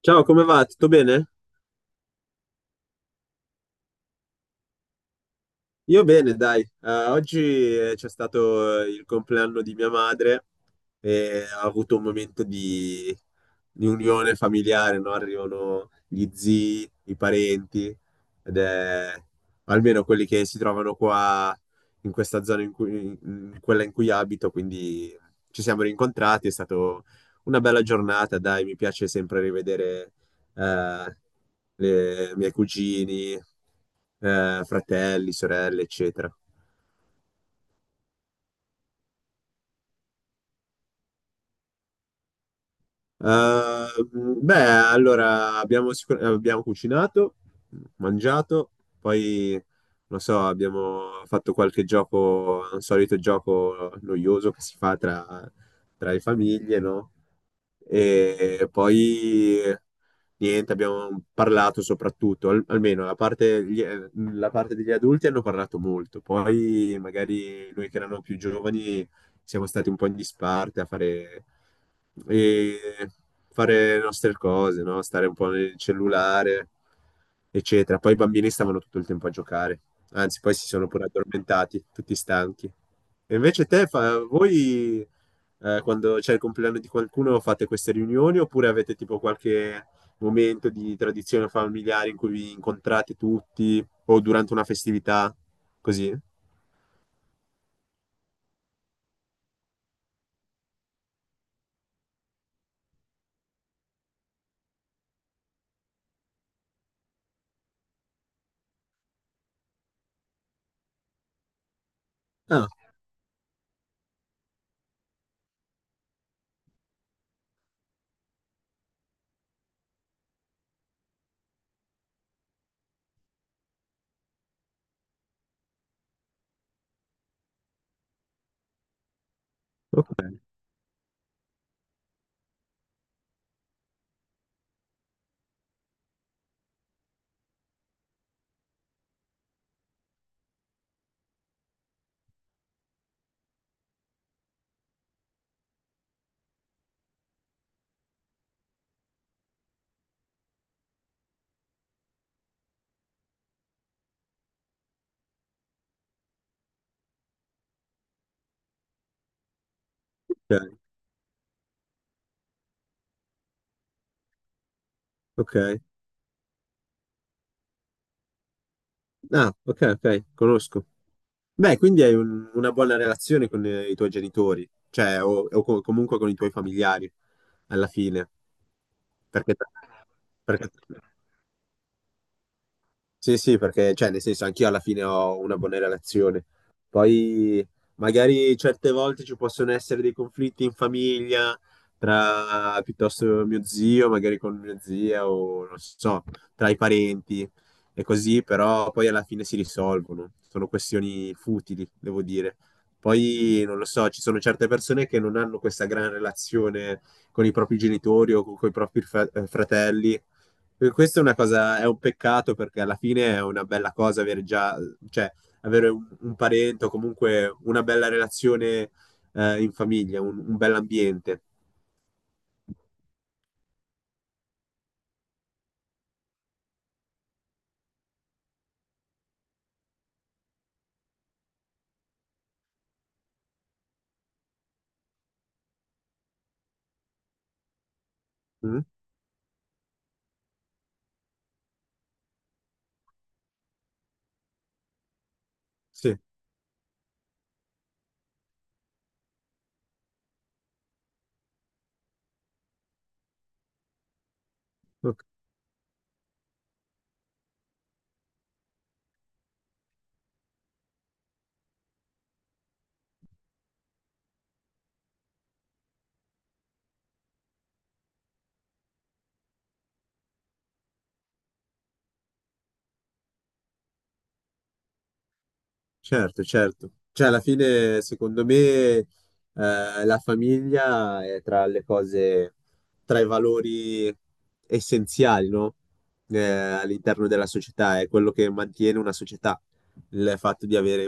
Ciao, come va? Tutto bene? Io bene, dai. Oggi c'è stato il compleanno di mia madre e ha avuto un momento di unione familiare, no? Arrivano gli zii, i parenti, ed è almeno quelli che si trovano qua in questa zona, in quella in cui abito, quindi ci siamo rincontrati, è stata una bella giornata, dai, mi piace sempre rivedere eh, i miei cugini. Fratelli, sorelle, eccetera. Eh, Beh, allora abbiamo cucinato, mangiato, poi non so, abbiamo fatto qualche gioco, un solito gioco noioso che si fa tra le famiglie, no? E poi niente, abbiamo parlato soprattutto, almeno la parte, gli- la parte degli adulti hanno parlato molto, poi magari noi che erano più giovani siamo stati un po' in disparte a e fare le nostre cose, no? Stare un po' nel cellulare, eccetera. Poi i bambini stavano tutto il tempo a giocare, anzi, poi si sono pure addormentati, tutti stanchi. E invece te, voi quando c'è il compleanno di qualcuno fate queste riunioni oppure avete tipo qualche momento di tradizione familiare in cui vi incontrate tutti o durante una festività, così? Ah, ok, ok, ok. Ah, ok, ok, conosco. Beh, quindi hai una buona relazione con i tuoi genitori, cioè, o co- comunque con i tuoi familiari, alla fine, perché, perché- sì, sì, perché, cioè, nel senso, anch'io alla fine ho una buona relazione. Poi, magari certe volte ci possono essere dei conflitti in famiglia, tra piuttosto mio zio, magari con mia zia, o non so, tra i parenti e così, però poi alla fine si risolvono. Sono questioni futili, devo dire. Poi, non lo so, ci sono certe persone che non hanno questa gran relazione con i propri genitori o con i propri fratelli e questa è una cosa, è un peccato perché alla fine è una bella cosa avere già, cioè, avere un parente o comunque una bella relazione in famiglia, un bell'ambiente. Mm? Sì, ok. Certo, certo. Cioè, alla fine, secondo me, la famiglia è tra le cose, tra i valori essenziali, no? All'interno della società, è quello che mantiene una società, il fatto di avere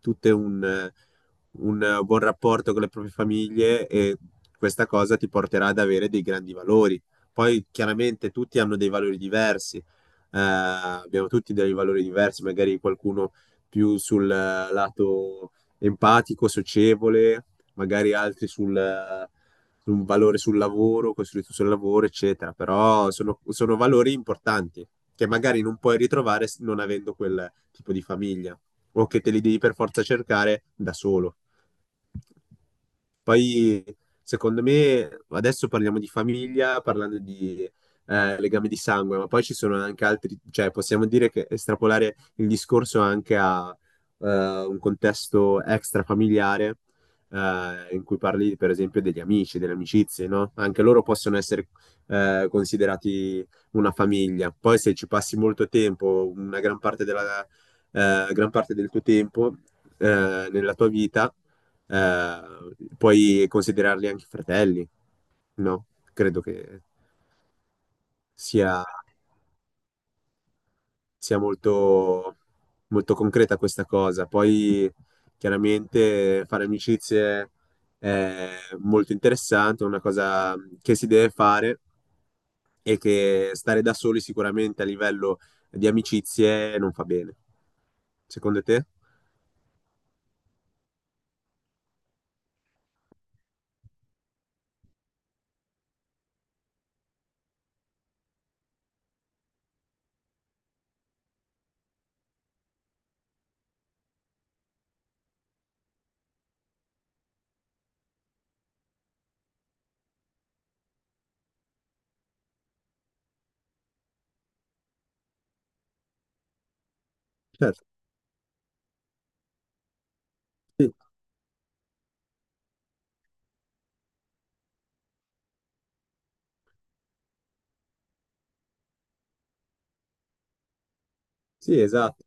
tutte un buon rapporto con le proprie famiglie e questa cosa ti porterà ad avere dei grandi valori. Poi, chiaramente, tutti hanno dei valori diversi. Abbiamo tutti dei valori diversi, magari qualcuno più sul lato empatico, socievole, magari altri sul, su un valore sul lavoro, costruito sul lavoro, eccetera. Però sono valori importanti che magari non puoi ritrovare non avendo quel tipo di famiglia o che te li devi per forza cercare da solo. Poi, secondo me, adesso parliamo di famiglia, parlando di legame di sangue, ma poi ci sono anche altri, cioè possiamo dire che estrapolare il discorso anche a eh, un contesto extrafamiliare in cui parli per esempio degli amici, delle amicizie, no? Anche loro possono essere considerati una famiglia. Poi se ci passi molto tempo, una gran parte, della, gran parte del tuo tempo nella tua vita, eh, puoi considerarli anche fratelli, no? Credo che sia sia molto, molto concreta questa cosa. Poi chiaramente fare amicizie è molto interessante, è una cosa che si deve fare e che stare da soli sicuramente a livello di amicizie non fa bene. Secondo te? Certo, sì, sì, esatto.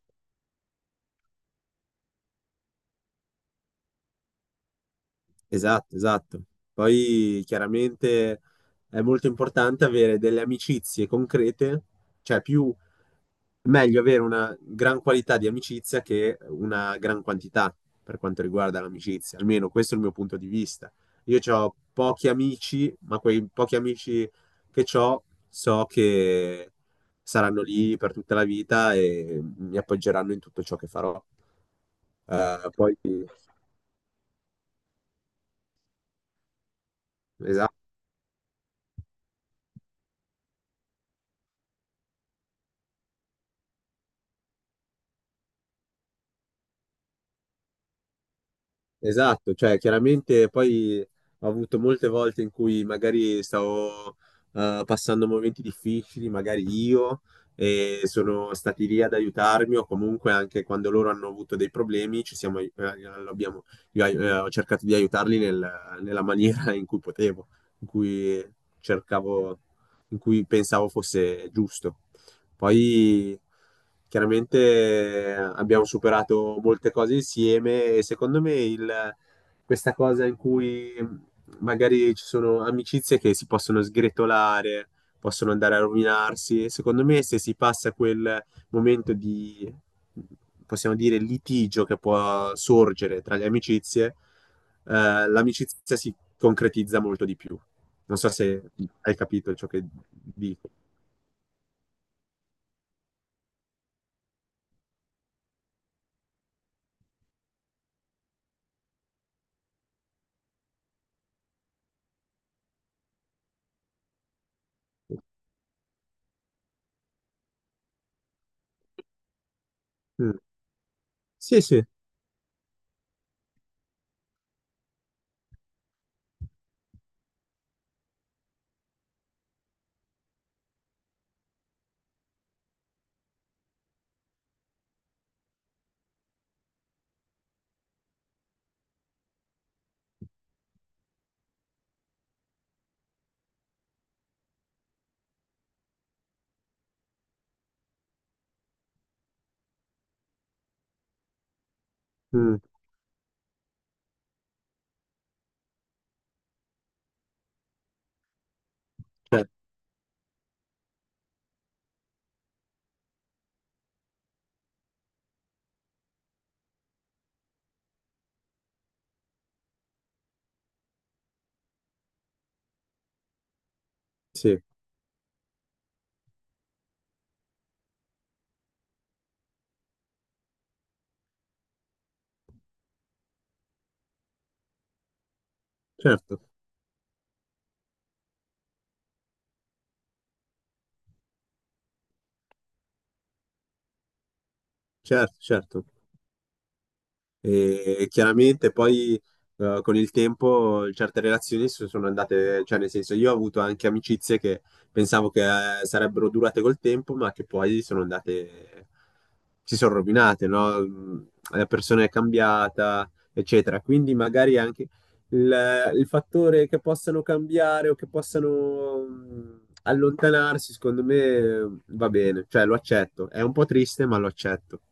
Esatto, esatto. Poi chiaramente è molto importante avere delle amicizie concrete, cioè più meglio avere una gran qualità di amicizia che una gran quantità per quanto riguarda l'amicizia, almeno questo è il mio punto di vista. Io ho pochi amici, ma quei pochi amici che ho so che saranno lì per tutta la vita e mi appoggeranno in tutto ciò che farò. Poi, esatto. Esatto, cioè chiaramente poi ho avuto molte volte in cui magari stavo passando momenti difficili, magari io, e sono stati lì ad aiutarmi o comunque anche quando loro hanno avuto dei problemi ci siamo, ai- lo abbiamo- io ai- ho cercato di aiutarli nella maniera in cui potevo, in cui cercavo, in cui pensavo fosse giusto. Poi chiaramente abbiamo superato molte cose insieme e secondo me, questa cosa in cui magari ci sono amicizie che si possono sgretolare, possono andare a rovinarsi, secondo me se si passa quel momento di, possiamo dire, litigio che può sorgere tra le amicizie, l'amicizia si concretizza molto di più. Non so se hai capito ciò che dico. Mm. Sì, sì. Mm, certo, sì, certo, certo, certo. E chiaramente poi con il tempo certe relazioni si sono andate, cioè nel senso io ho avuto anche amicizie che pensavo che sarebbero durate col tempo, ma che poi sono andate, si sono rovinate, no? Mm, la persona è cambiata, eccetera. Quindi magari anche il fattore che possano cambiare o che possano allontanarsi, secondo me va bene, cioè lo accetto. È un po' triste, ma lo accetto.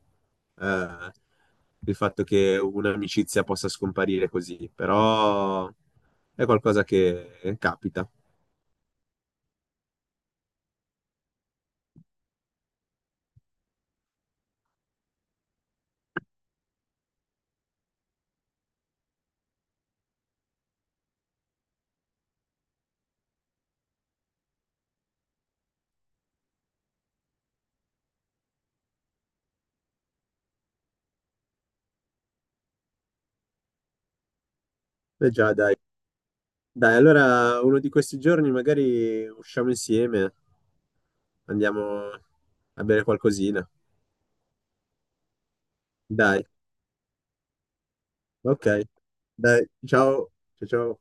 Eh, il fatto che un'amicizia possa scomparire così, però è qualcosa che capita. E già, dai. Dai, allora uno di questi giorni magari usciamo insieme, andiamo a bere qualcosina. Dai, ok. Dai, ciao. Ciao ciao.